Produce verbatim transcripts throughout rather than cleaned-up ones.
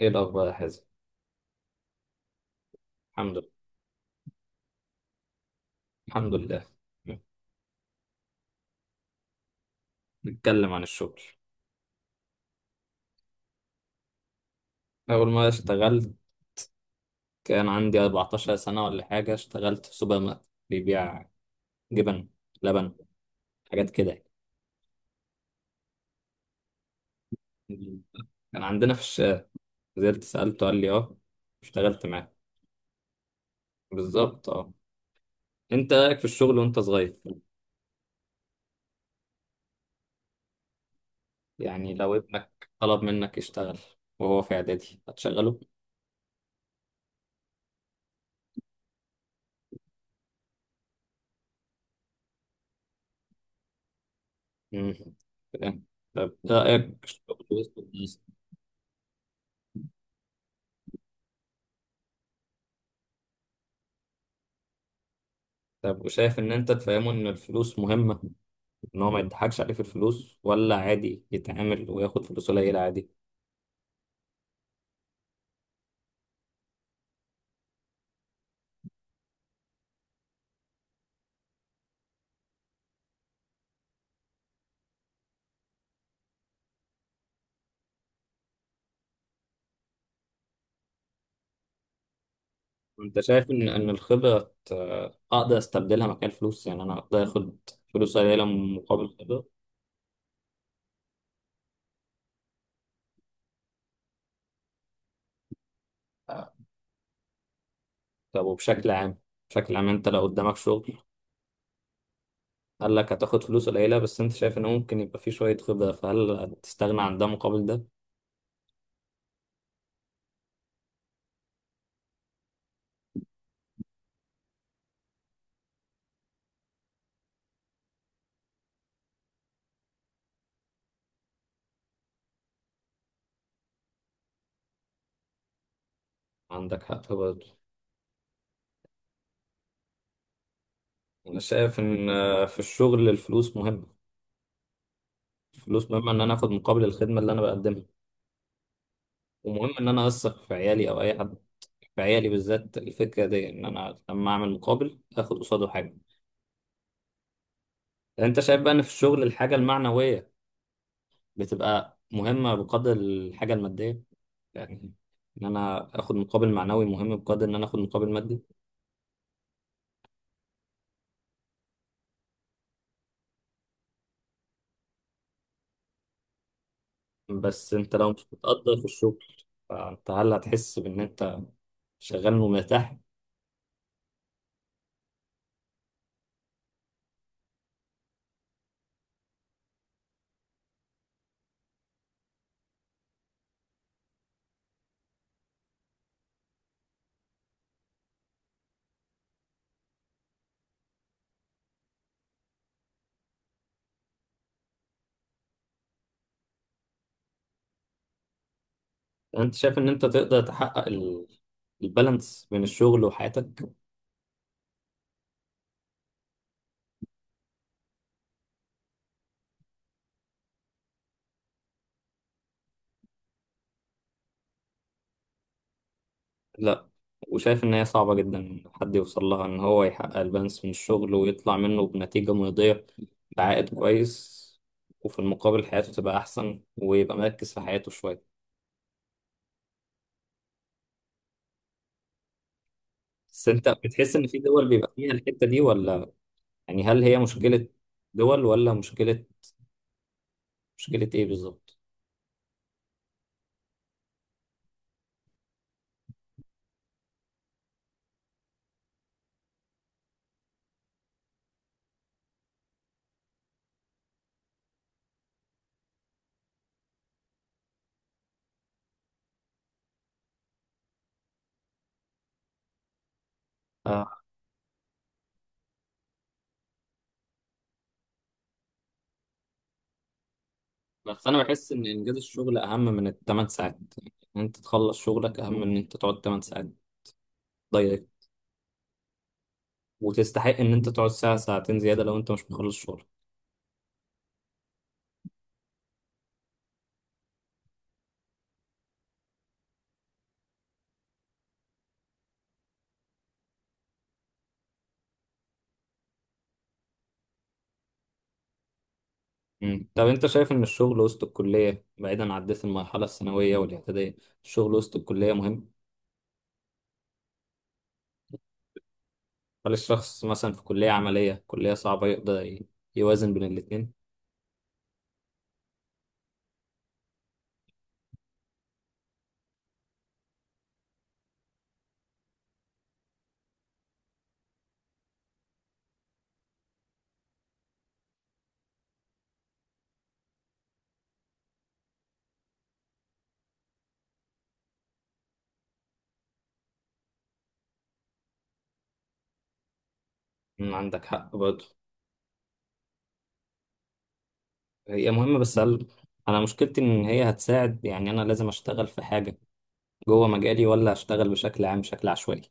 ايه الاخبار يا حازم؟ الحمد لله. الحمد لله. نتكلم عن الشغل. اول ما اشتغلت كان عندي 14 سنه ولا حاجه. اشتغلت في سوبر ماركت بيبيع جبن، لبن، حاجات كده. يعني. كان عندنا في الشارع. نزلت سالته قال لي اه. اشتغلت معاه. بالظبط اه. انت رايك في الشغل وانت صغير؟ يعني لو ابنك طلب منك يشتغل وهو في اعدادي هتشغله؟ مم. فاهم. طب رايك في الشغل وسط الناس؟ طب وشايف ان انت تفهمه ان الفلوس مهمه، ان هو ما يضحكش عليه في الفلوس ولا عادي يتعامل وياخد فلوس قليله عادي؟ انت شايف ان ان الخبره، آه، اقدر استبدلها مكان الفلوس؟ يعني انا اقدر اخد فلوس قليله مقابل خبره؟ طب وبشكل عام، بشكل عام انت لو قدامك شغل قال لك هتاخد فلوس قليله بس انت شايف ان ممكن يبقى فيه شويه خبره، فهل تستغنى عن ده مقابل ده؟ عندك حق برضه. انا شايف ان، آه، في الشغل الفلوس مهمه الفلوس مهمه ان انا اخد مقابل الخدمه اللي انا بقدمها. ومهم ان انا اثق في عيالي او اي حد، في عيالي بالذات، الفكرة دي إن أنا لما أعمل مقابل آخد قصاده حاجة. يعني أنت شايف بقى إن في الشغل الحاجة المعنوية بتبقى مهمة بقدر الحاجة المادية؟ يعني إن أنا آخد مقابل معنوي مهم بقدر إن أنا آخد مقابل مادي؟ بس أنت لو مش متقدر في الشغل، فأنت هل هتحس بإن أنت شغال ومرتاح؟ يعني أنت شايف إن أنت تقدر تحقق ال- البالانس بين الشغل وحياتك؟ لا. وشايف إن هي صعبة جدا إن حد يوصل لها، إن هو يحقق البالانس من الشغل ويطلع منه بنتيجة مرضية، بعائد كويس، وفي المقابل حياته تبقى أحسن ويبقى مركز في حياته شوية. بس أنت بتحس إن في دول بيبقى فيها الحتة دي ولا؟ يعني هل هي مشكلة دول ولا مشكلة؟ مشكلة إيه بالظبط؟ آه. بس أنا بحس إن إنجاز الشغل أهم من الثمان ساعات، إن أنت تخلص شغلك أهم من إن أنت تقعد 8 ساعات ضيق، وتستحق إن أنت تقعد ساعة ساعتين زيادة لو أنت مش مخلص شغل. مم. طب انت شايف ان الشغل وسط الكلية، بعيدا عن عدت المرحلة الثانوية والاعدادية، الشغل وسط الكلية مهم؟ هل الشخص مثلا في كلية عملية كلية صعبة يقدر ي- يوازن بين الاتنين؟ مم، عندك حق برضه. هي مهمة بس هل، انا مشكلتي ان هي هتساعد، يعني انا لازم اشتغل في حاجة جوه مجالي ولا اشتغل بشكل عام بشكل عشوائي؟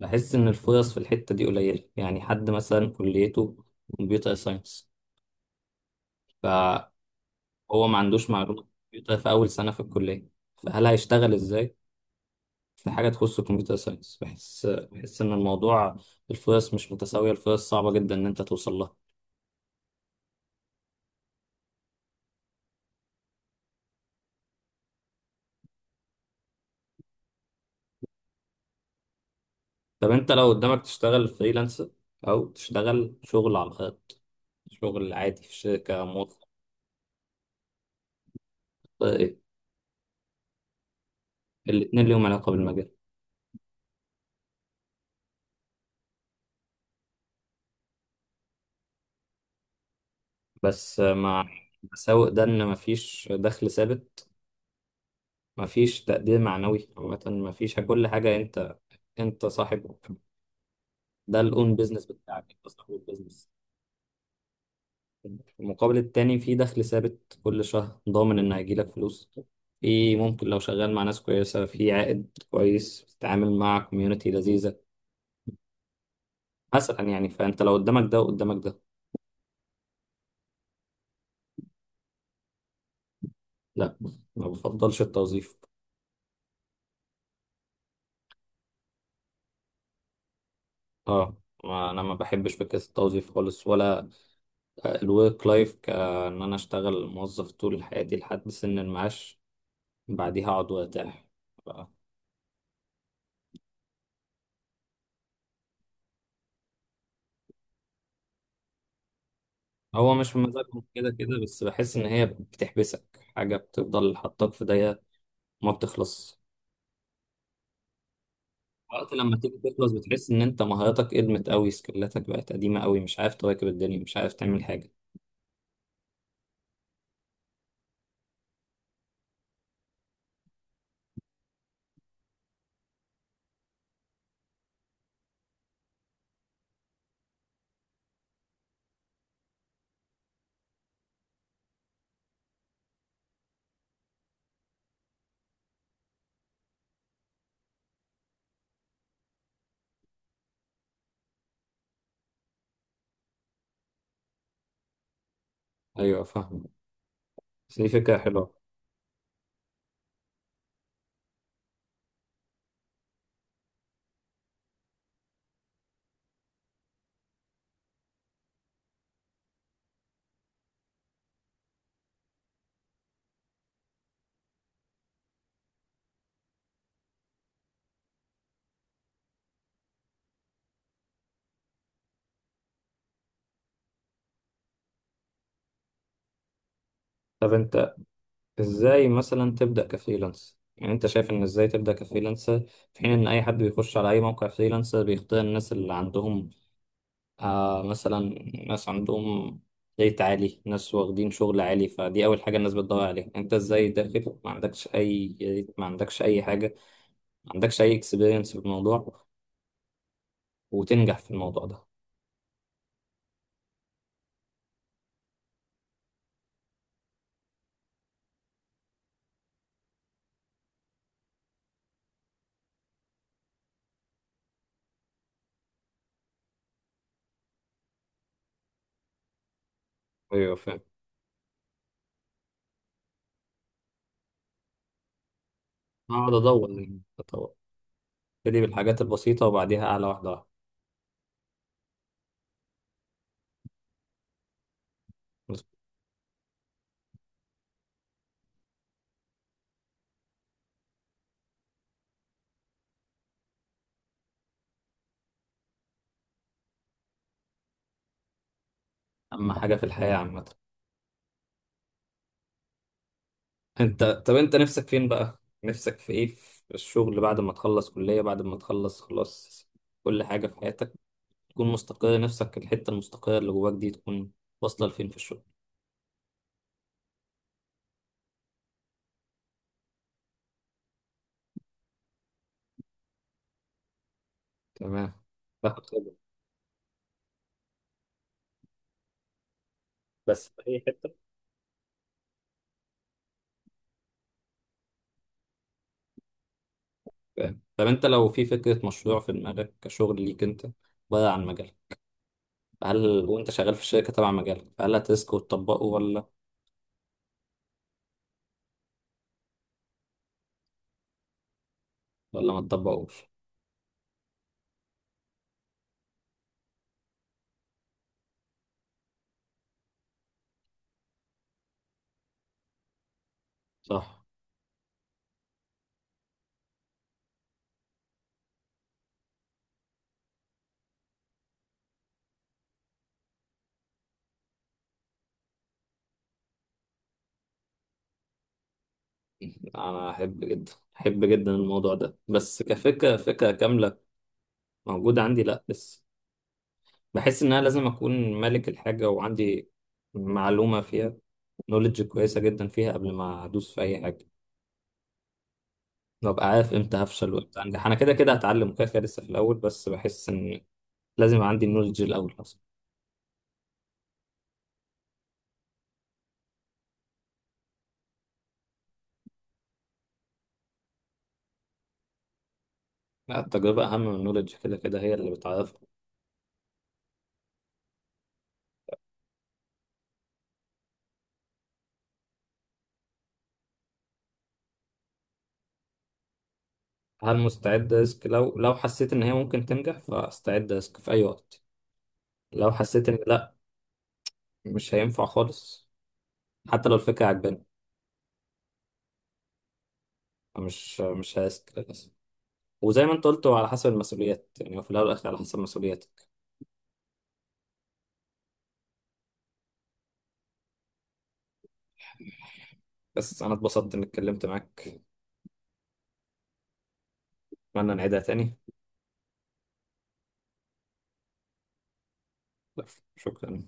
بحس ان الفرص في الحتة دي قليلة. يعني حد مثلا كليته كمبيوتر ساينس فهو ما عندوش معلومة كمبيوتر في اول سنة في الكلية، فهل هيشتغل ازاي في حاجة تخص الكمبيوتر ساينس؟ بحس بحس إن الموضوع الفرص مش متساوية، الفرص صعبة جدا إن أنت توصل لها. طب أنت لو قدامك تشتغل فريلانس أو تشتغل شغل على الخط شغل عادي في شركة موظف، إيه؟ الاتنين ليهم علاقة بالمجال. بس مع المساوئ ده إن مفيش دخل ثابت، مفيش تقدير معنوي، عامة مفيش كل حاجة، أنت أنت صاحبه، ده الأون بيزنس بتاعك، أنت صاحب البيزنس. المقابل التاني في دخل ثابت كل شهر، ضامن إن هيجيلك فلوس، في ممكن لو شغال مع ناس كويسة في عائد كويس، بتتعامل مع كوميونتي لذيذة مثلا. يعني فأنت لو قدامك ده وقدامك ده؟ لا، ما بفضلش التوظيف. اه، ما أنا ما بحبش فكرة التوظيف خالص، ولا الورك لايف كأن أنا أشتغل موظف طول حياتي لحد سن المعاش بعديها أقعد وأرتاح. ف- هو مش في مزاجهم كده كده بس بحس إن هي بتحبسك، حاجة بتفضل حطاك في دايرة ما بتخلص. وقت لما تيجي تخلص بتحس ان انت مهاراتك قدمت قوي، سكيلاتك بقت قديمة قوي، مش عارف تواكب الدنيا، مش عارف تعمل حاجة. ايوه فاهم. بس دي فكرة حلوة. طب انت ازاي مثلا تبدأ كفريلانس؟ يعني انت شايف ان ازاي تبدأ كفريلانسر في حين ان اي حد بيخش على اي موقع فريلانسر بيختار الناس اللي عندهم، آه، مثلا ناس عندهم ريت عالي، ناس واخدين شغل عالي، فدي اول حاجة الناس بتدور عليها؟ انت ازاي داخل ما عندكش اي ريت، ما عندكش اي حاجة، ما عندكش اي اكسبيرينس في الموضوع، وتنجح في الموضوع ده؟ ايوه فاهم. هقعد ادور يعني. ادور ابتدي بالحاجات البسيطه وبعديها اعلى واحده واحده. اهم حاجه في الحياه عامه. انت طب انت نفسك فين بقى، نفسك في ايه في الشغل بعد ما تخلص كليه، بعد ما تخلص خلاص كل حاجه في حياتك، تكون مستقر، نفسك الحته المستقره اللي جواك دي تكون واصله لفين في الشغل؟ تمام. باخد خبرة. بس في اي حته؟ فاهم. طب انت لو في فكره مشروع في دماغك كشغل ليك انت بره عن مجالك، هل وانت شغال في الشركه تبع مجالك هل هتسكت وتطبقه ولا؟ ولا ما تطبقوش؟ صح. انا احب جدا، احب جدا الموضوع ده بس كفكره، فكره كامله موجوده عندي لا، بس بحس ان انا لازم اكون مالك الحاجه وعندي معلومه فيها، نولج كويسه جدا فيها قبل ما ادوس في اي حاجه. ببقى عارف امتى هفشل وامتى انجح. انا كده كده هتعلم وكده كده لسه في الاول، بس بحس ان لازم يبقى عندي النولج الاول اصلا. لا، التجربه اهم من النولج كده كده هي اللي بتعرفك. هل مستعد ريسك؟ لو لو حسيت ان هي ممكن تنجح فاستعد ريسك في اي وقت. لو حسيت ان لا، مش هينفع خالص، حتى لو الفكرة عجباني مش مش هيسك للأسف. وزي ما انت قلت هو على حسب المسؤوليات. يعني هو في الأول والآخر على حسب مسؤولياتك. بس أنا اتبسطت إني اتكلمت معاك. أتمنى نعيدها تاني. شكرا.